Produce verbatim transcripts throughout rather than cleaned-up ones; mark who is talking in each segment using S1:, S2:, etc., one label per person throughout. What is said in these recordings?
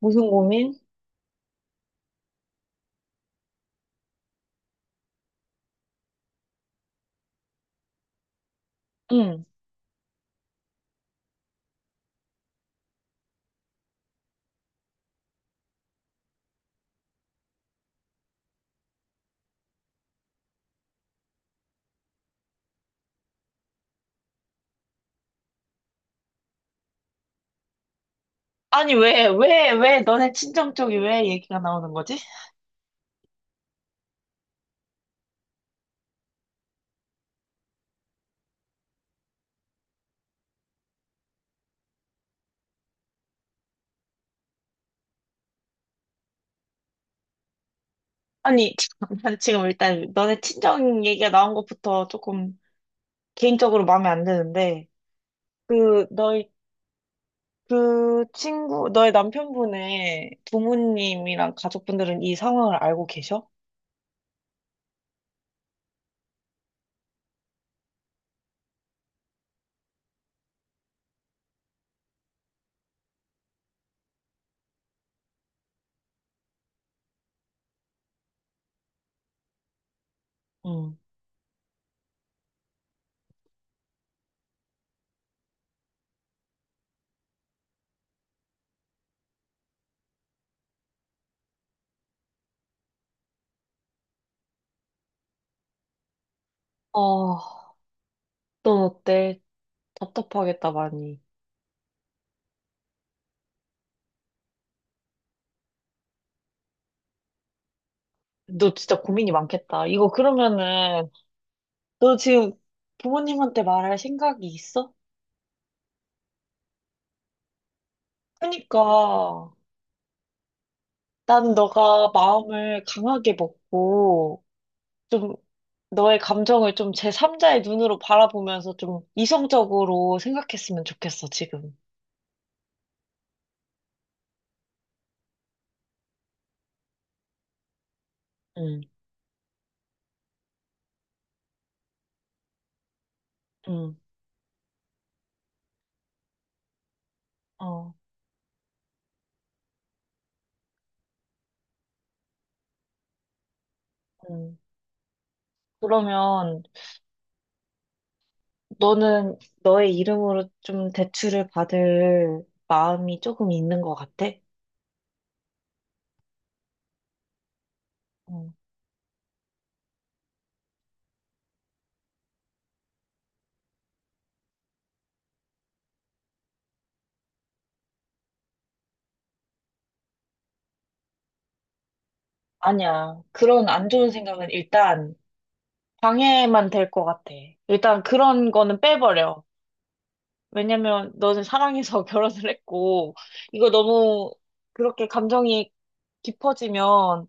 S1: 무슨 고민? 응. 아니, 왜, 왜, 왜 너네 친정 쪽이 왜 얘기가 나오는 거지? 아니, 난 지금 일단 너네 친정 얘기가 나온 것부터 조금 개인적으로 마음에 안 드는데, 그, 너희, 그 친구, 너의 남편분의 부모님이랑 가족분들은 이 상황을 알고 계셔? 응. 어, 넌 어때? 답답하겠다, 많이. 너 진짜 고민이 많겠다. 이거 그러면은, 너 지금 부모님한테 말할 생각이 있어? 그러니까. 난 너가 마음을 강하게 먹고, 좀, 너의 감정을 좀 제삼자의 눈으로 바라보면서 좀 이성적으로 생각했으면 좋겠어, 지금. 응, 응, 어, 응. 그러면 너는 너의 이름으로 좀 대출을 받을 마음이 조금 있는 것 같아? 응. 아니야. 그런 안 좋은 생각은 일단 방해만 될 것 같아. 일단 그런 거는 빼버려. 왜냐면 너는 사랑해서 결혼을 했고, 이거 너무 그렇게 감정이 깊어지면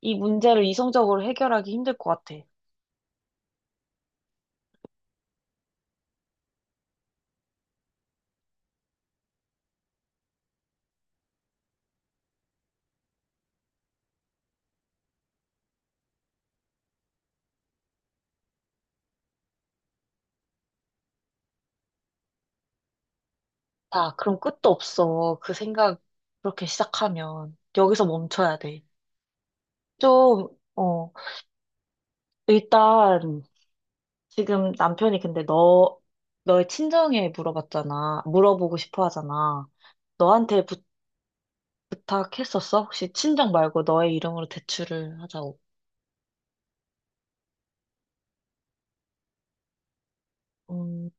S1: 이 문제를 이성적으로 해결하기 힘들 것 같아. 아, 그럼 끝도 없어. 그 생각 그렇게 시작하면 여기서 멈춰야 돼. 좀, 어, 일단 지금 남편이 근데 너, 너의 친정에 물어봤잖아. 물어보고 싶어 하잖아. 너한테 부, 부탁했었어? 혹시 친정 말고 너의 이름으로 대출을 하자고. 음,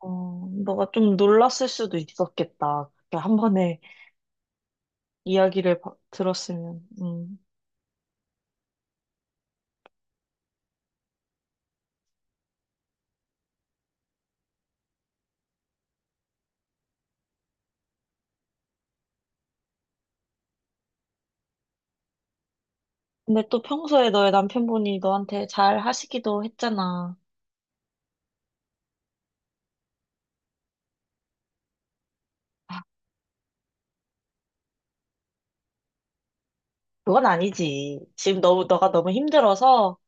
S1: 어, 너가 좀 놀랐을 수도 있었겠다. 그렇게 한 번에 이야기를 바- 들었으면. 음. 근데 또 평소에 너의 남편분이 너한테 잘 하시기도 했잖아. 그건 아니지. 지금 너무, 너가 너무 힘들어서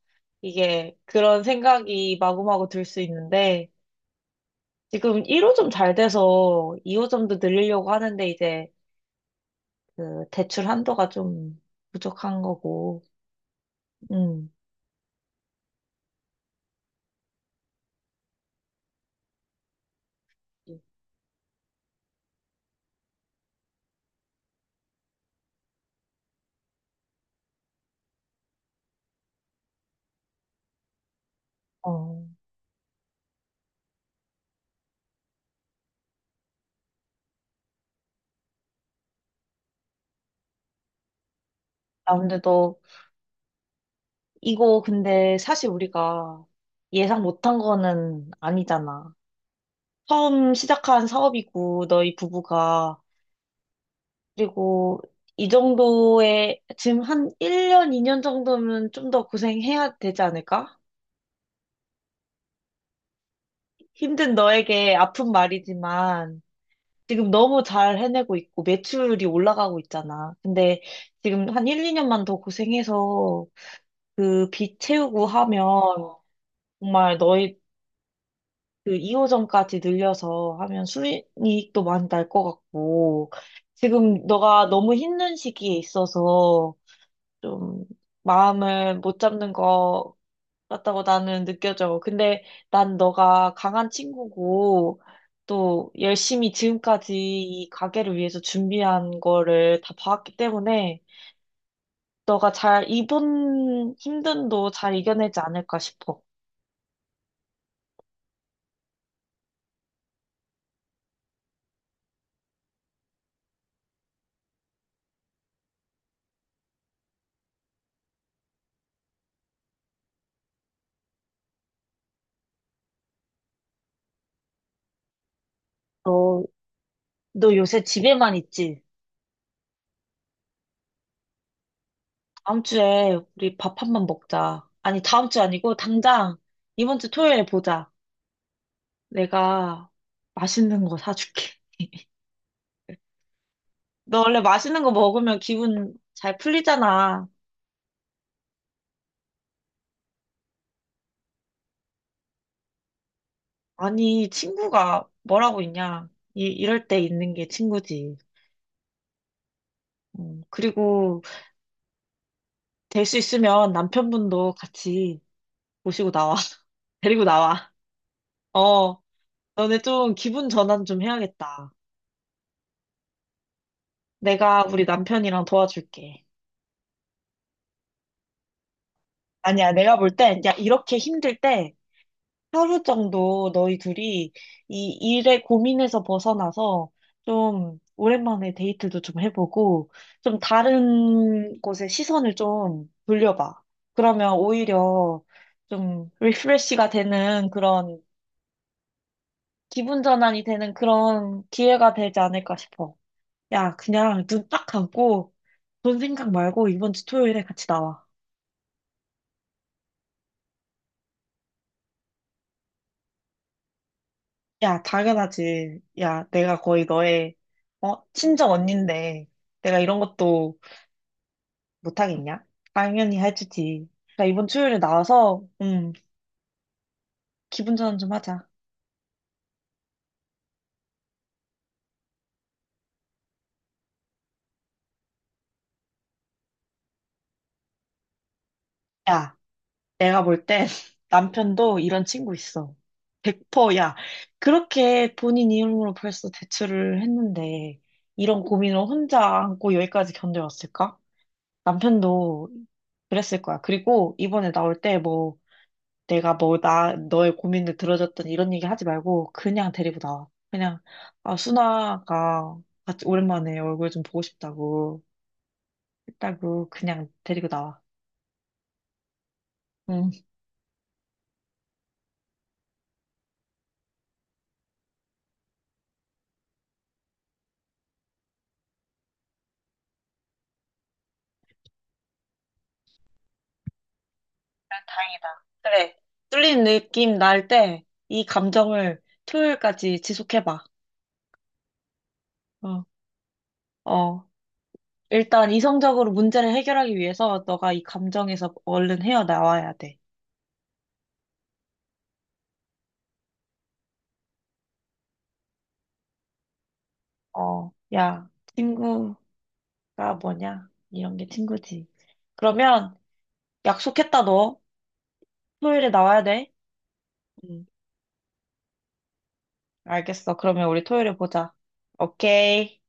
S1: 이게 그런 생각이 마구마구 들 수 있는데 지금 일 호점 잘 돼서 이 호점도 늘리려고 하는데 이제 그 대출 한도가 좀 부족한 거고. 음. 어. 아, 근데 너 이거 근데 사실 우리가 예상 못한 거는 아니잖아. 처음 시작한 사업이고, 너희 부부가. 그리고 이 정도의, 지금 한 일 년, 이 년 정도면 좀 더 고생해야 되지 않을까? 힘든 너에게 아픈 말이지만, 지금 너무 잘 해내고 있고, 매출이 올라가고 있잖아. 근데 지금 한 일, 이 년만 더 고생해서 그 빚 채우고 하면, 정말 너희 그 이 호점까지 늘려서 하면 수익도 많이 날 것 같고, 지금 너가 너무 힘든 시기에 있어서 좀 마음을 못 잡는 것 같다고 나는 느껴져. 근데 난 너가 강한 친구고, 또 열심히 지금까지 이 가게를 위해서 준비한 거를 다 봐왔기 때문에, 너가 잘, 이번 힘듦도 잘 이겨내지 않을까 싶어. 너, 너 요새 집에만 있지? 다음 주에 우리 밥 한 번 먹자. 아니, 다음 주 아니고 당장 이번 주 토요일에 보자. 내가 맛있는 거 사줄게. 너 원래 맛있는 거 먹으면 기분 잘 풀리잖아. 아니, 친구가 뭐라고 있냐. 이, 이럴 때 있는 게 친구지. 음, 그리고 될 수 있으면 남편분도 같이 모시고 나와. 데리고 나와. 어, 너네 좀 기분 전환 좀 해야겠다. 내가 우리 남편이랑 도와줄게. 아니야, 내가 볼 땐, 야, 이렇게 힘들 때 하루 정도 너희 둘이 이 일의 고민에서 벗어나서 좀 오랜만에 데이트도 좀 해보고 좀 다른 곳에 시선을 좀 돌려봐. 그러면 오히려 좀 리프레시가 되는 그런 기분 전환이 되는 그런 기회가 되지 않을까 싶어. 야, 그냥 눈 딱 감고 돈 생각 말고 이번 주 토요일에 같이 나와. 야, 당연하지. 야, 내가 거의 너의, 어, 친정 언니인데, 내가 이런 것도 못하겠냐? 당연히 해주지. 나 이번 토요일에 나와서, 음, 기분 전환 좀 하자. 야, 내가 볼 땐 남편도 이런 친구 있어. 백 프로, 야, 그렇게 본인 이름으로 벌써 대출을 했는데, 이런 고민을 혼자 안고 여기까지 견뎌왔을까? 남편도 그랬을 거야. 그리고 이번에 나올 때 뭐, 내가 뭐, 나, 너의 고민을 들어줬더니 이런 얘기 하지 말고, 그냥 데리고 나와. 그냥, 아, 순아가 같이 오랜만에 얼굴 좀 보고 싶다고 했다고, 그냥 데리고 나와. 응. 난 다행이다. 그래. 뚫린 느낌 날 때, 이 감정을 토요일까지 지속해봐. 어, 어. 일단 이성적으로 문제를 해결하기 위해서 너가 이 감정에서 얼른 헤어나와야 돼. 어, 야, 친구가 뭐냐? 이런 게 친구지. 그러면, 약속했다, 너. 토요일에 나와야 돼. 응. 알겠어. 그러면 우리 토요일에 보자. 오케이.